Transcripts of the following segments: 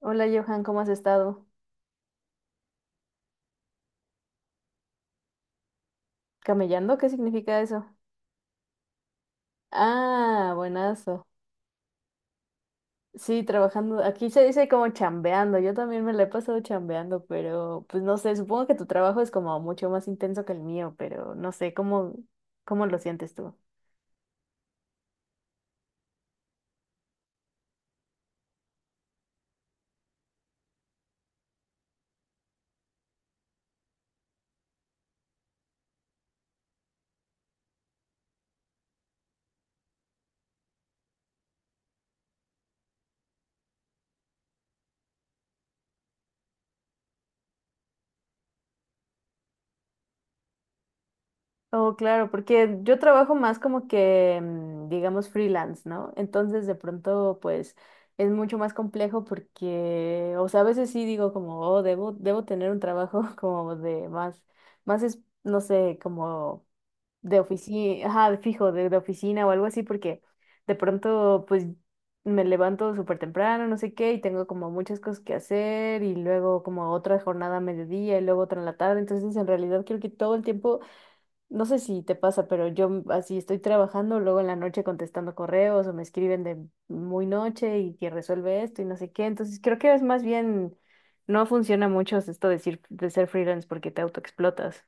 Hola Johan, ¿cómo has estado? ¿Camellando? ¿Qué significa eso? Ah, buenazo. Sí, trabajando. Aquí se dice como chambeando. Yo también me la he pasado chambeando, pero pues no sé, supongo que tu trabajo es como mucho más intenso que el mío, pero no sé, ¿cómo lo sientes tú? Oh, claro, porque yo trabajo más como que, digamos, freelance, ¿no? Entonces, de pronto, pues, es mucho más complejo porque, o sea, a veces sí digo como, oh, debo tener un trabajo como de más, más es, no sé, como de oficina, ajá, de fijo, de oficina o algo así, porque de pronto, pues, me levanto súper temprano, no sé qué, y tengo como muchas cosas que hacer, y luego como otra jornada a mediodía, y luego otra en la tarde, entonces, en realidad, creo que todo el tiempo no sé si te pasa, pero yo así estoy trabajando, luego en la noche contestando correos o me escriben de muy noche y que resuelve esto y no sé qué. Entonces creo que es más bien, no funciona mucho esto de, decir, de ser freelance porque te autoexplotas.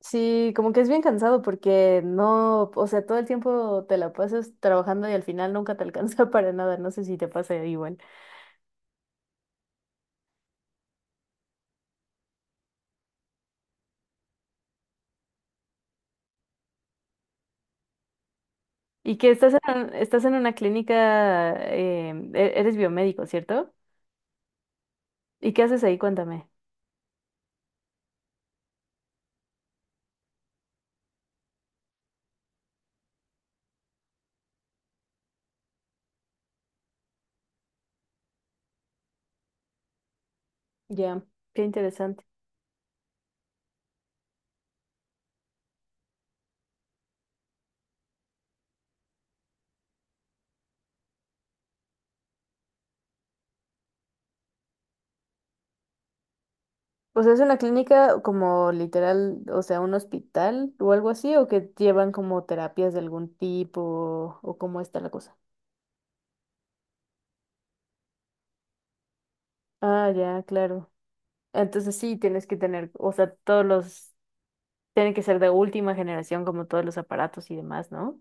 Sí, como que es bien cansado porque no, o sea, todo el tiempo te la pasas trabajando y al final nunca te alcanza para nada. No sé si te pasa igual. Y que estás en una clínica, eres biomédico, ¿cierto? ¿Y qué haces ahí? Cuéntame. Ya, qué interesante. O sea, es una clínica como literal, o sea, un hospital o algo así, o que llevan como terapias de algún tipo, o cómo está la cosa. Ah, ya, claro. Entonces sí, tienes que tener, o sea, todos los, tienen que ser de última generación como todos los aparatos y demás, ¿no?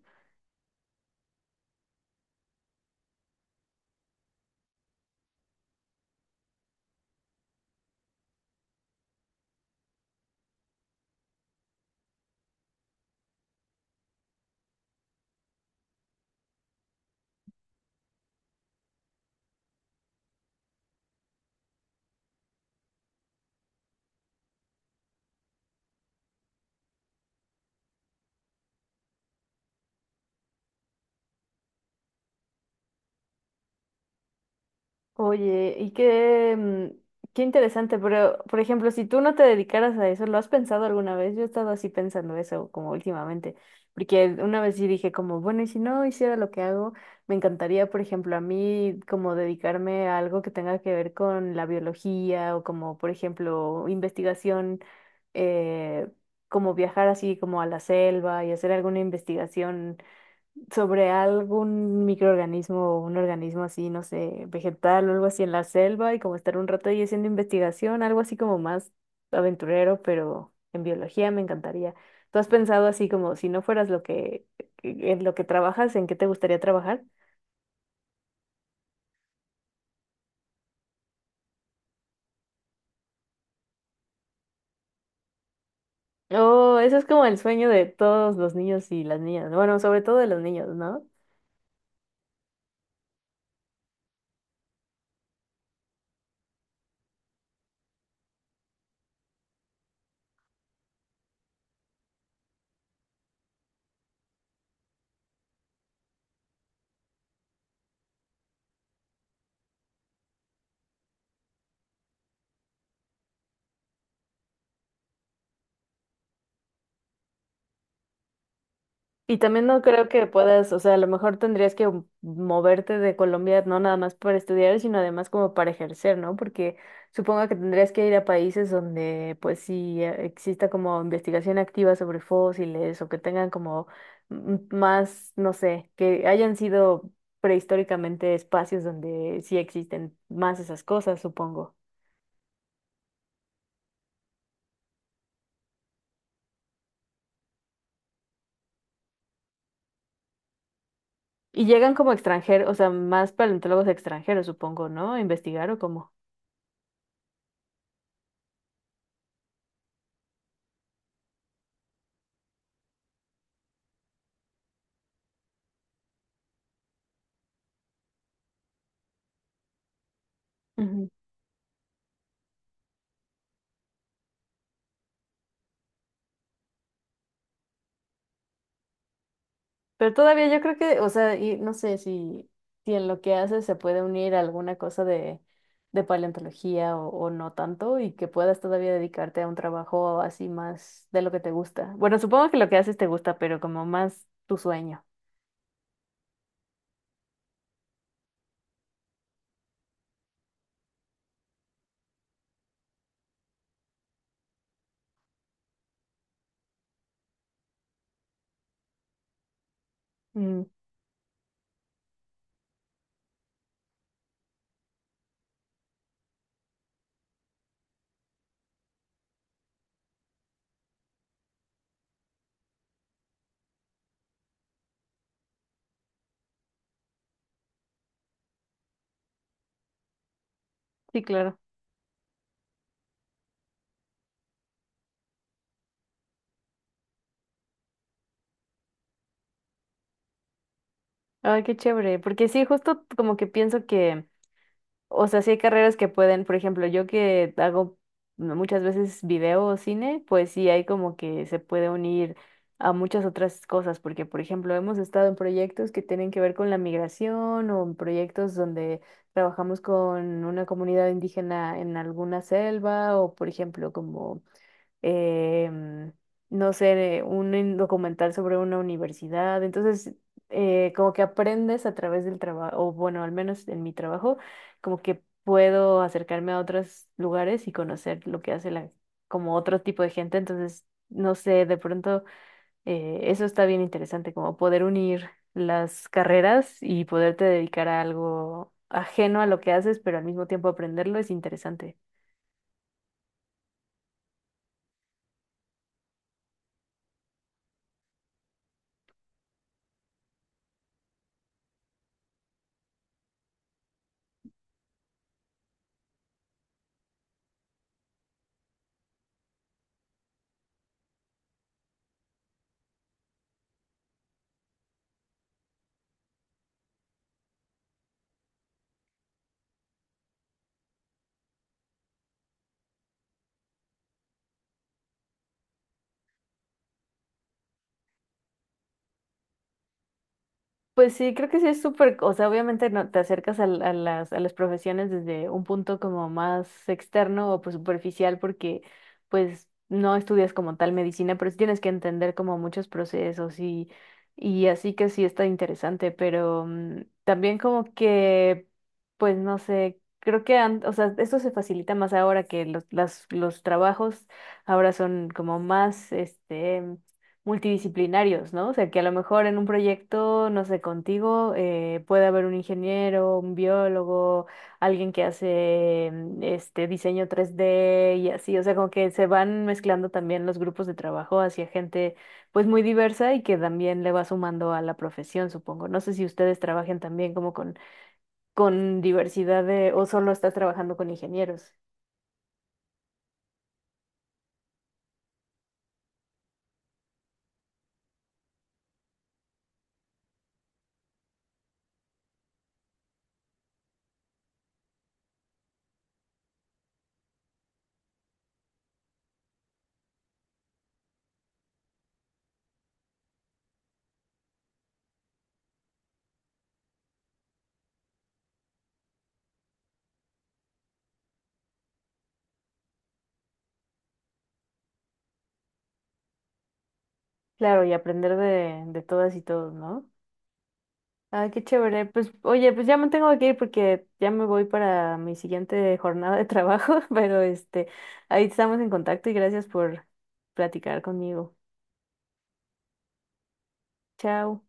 Oye, y qué, qué interesante, pero por ejemplo, si tú no te dedicaras a eso, ¿lo has pensado alguna vez? Yo he estado así pensando eso como últimamente, porque una vez sí dije como, bueno, y si no hiciera lo que hago, me encantaría, por ejemplo, a mí como dedicarme a algo que tenga que ver con la biología o como, por ejemplo, investigación, eh, como viajar así como a la selva y hacer alguna investigación sobre algún microorganismo o un organismo así, no sé, vegetal o algo así en la selva y como estar un rato ahí haciendo investigación, algo así como más aventurero, pero en biología me encantaría. ¿Tú has pensado así como si no fueras lo que, en lo que trabajas, en qué te gustaría trabajar? Oh, eso es como el sueño de todos los niños y las niñas, bueno, sobre todo de los niños, ¿no? Y también no creo que puedas, o sea, a lo mejor tendrías que moverte de Colombia, no nada más para estudiar, sino además como para ejercer, ¿no? Porque supongo que tendrías que ir a países donde pues sí exista como investigación activa sobre fósiles o que tengan como más, no sé, que hayan sido prehistóricamente espacios donde sí existen más esas cosas, supongo. Y llegan como extranjeros, o sea, más paleontólogos extranjeros, supongo, ¿no? A investigar o cómo. Pero todavía yo creo que, o sea, y no sé si en lo que hace se puede unir alguna cosa de paleontología o no tanto y que puedas todavía dedicarte a un trabajo así más de lo que te gusta. Bueno, supongo que lo que haces te gusta, pero como más tu sueño. Mm, sí, claro. Ay, qué chévere, porque sí, justo como que pienso que, O sea, sí hay carreras que pueden, por ejemplo, yo que hago muchas veces video o cine, pues sí hay como que se puede unir a muchas otras cosas, porque por ejemplo hemos estado en proyectos que tienen que ver con la migración o en proyectos donde trabajamos con una comunidad indígena en alguna selva o por ejemplo como em, no sé, un documental sobre una universidad. Entonces, como que aprendes a través del trabajo, o bueno, al menos en mi trabajo, como que puedo acercarme a otros lugares y conocer lo que hace la, como otro tipo de gente. Entonces, no sé, de pronto eso está bien interesante, como poder unir las carreras y poderte dedicar a algo ajeno a lo que haces, pero al mismo tiempo aprenderlo es interesante. Pues sí, creo que sí es súper, o sea, obviamente no te acercas a las profesiones desde un punto como más externo o pues superficial porque pues no estudias como tal medicina, pero sí tienes que entender como muchos procesos y así que sí está interesante, pero también como que, pues no sé, creo que, o sea, esto se facilita más ahora que los trabajos ahora son como más, este multidisciplinarios, ¿no? O sea, que a lo mejor en un proyecto, no sé, contigo, puede haber un ingeniero, un biólogo, alguien que hace este diseño 3D y así, o sea, como que se van mezclando también los grupos de trabajo hacia gente pues muy diversa y que también le va sumando a la profesión, supongo. No sé si ustedes trabajen también como con diversidad de, o solo estás trabajando con ingenieros. Claro, y aprender de todas y todos, ¿no? Ah, qué chévere. Pues, oye, pues ya me tengo que ir porque ya me voy para mi siguiente jornada de trabajo, pero este, ahí estamos en contacto y gracias por platicar conmigo. Chao.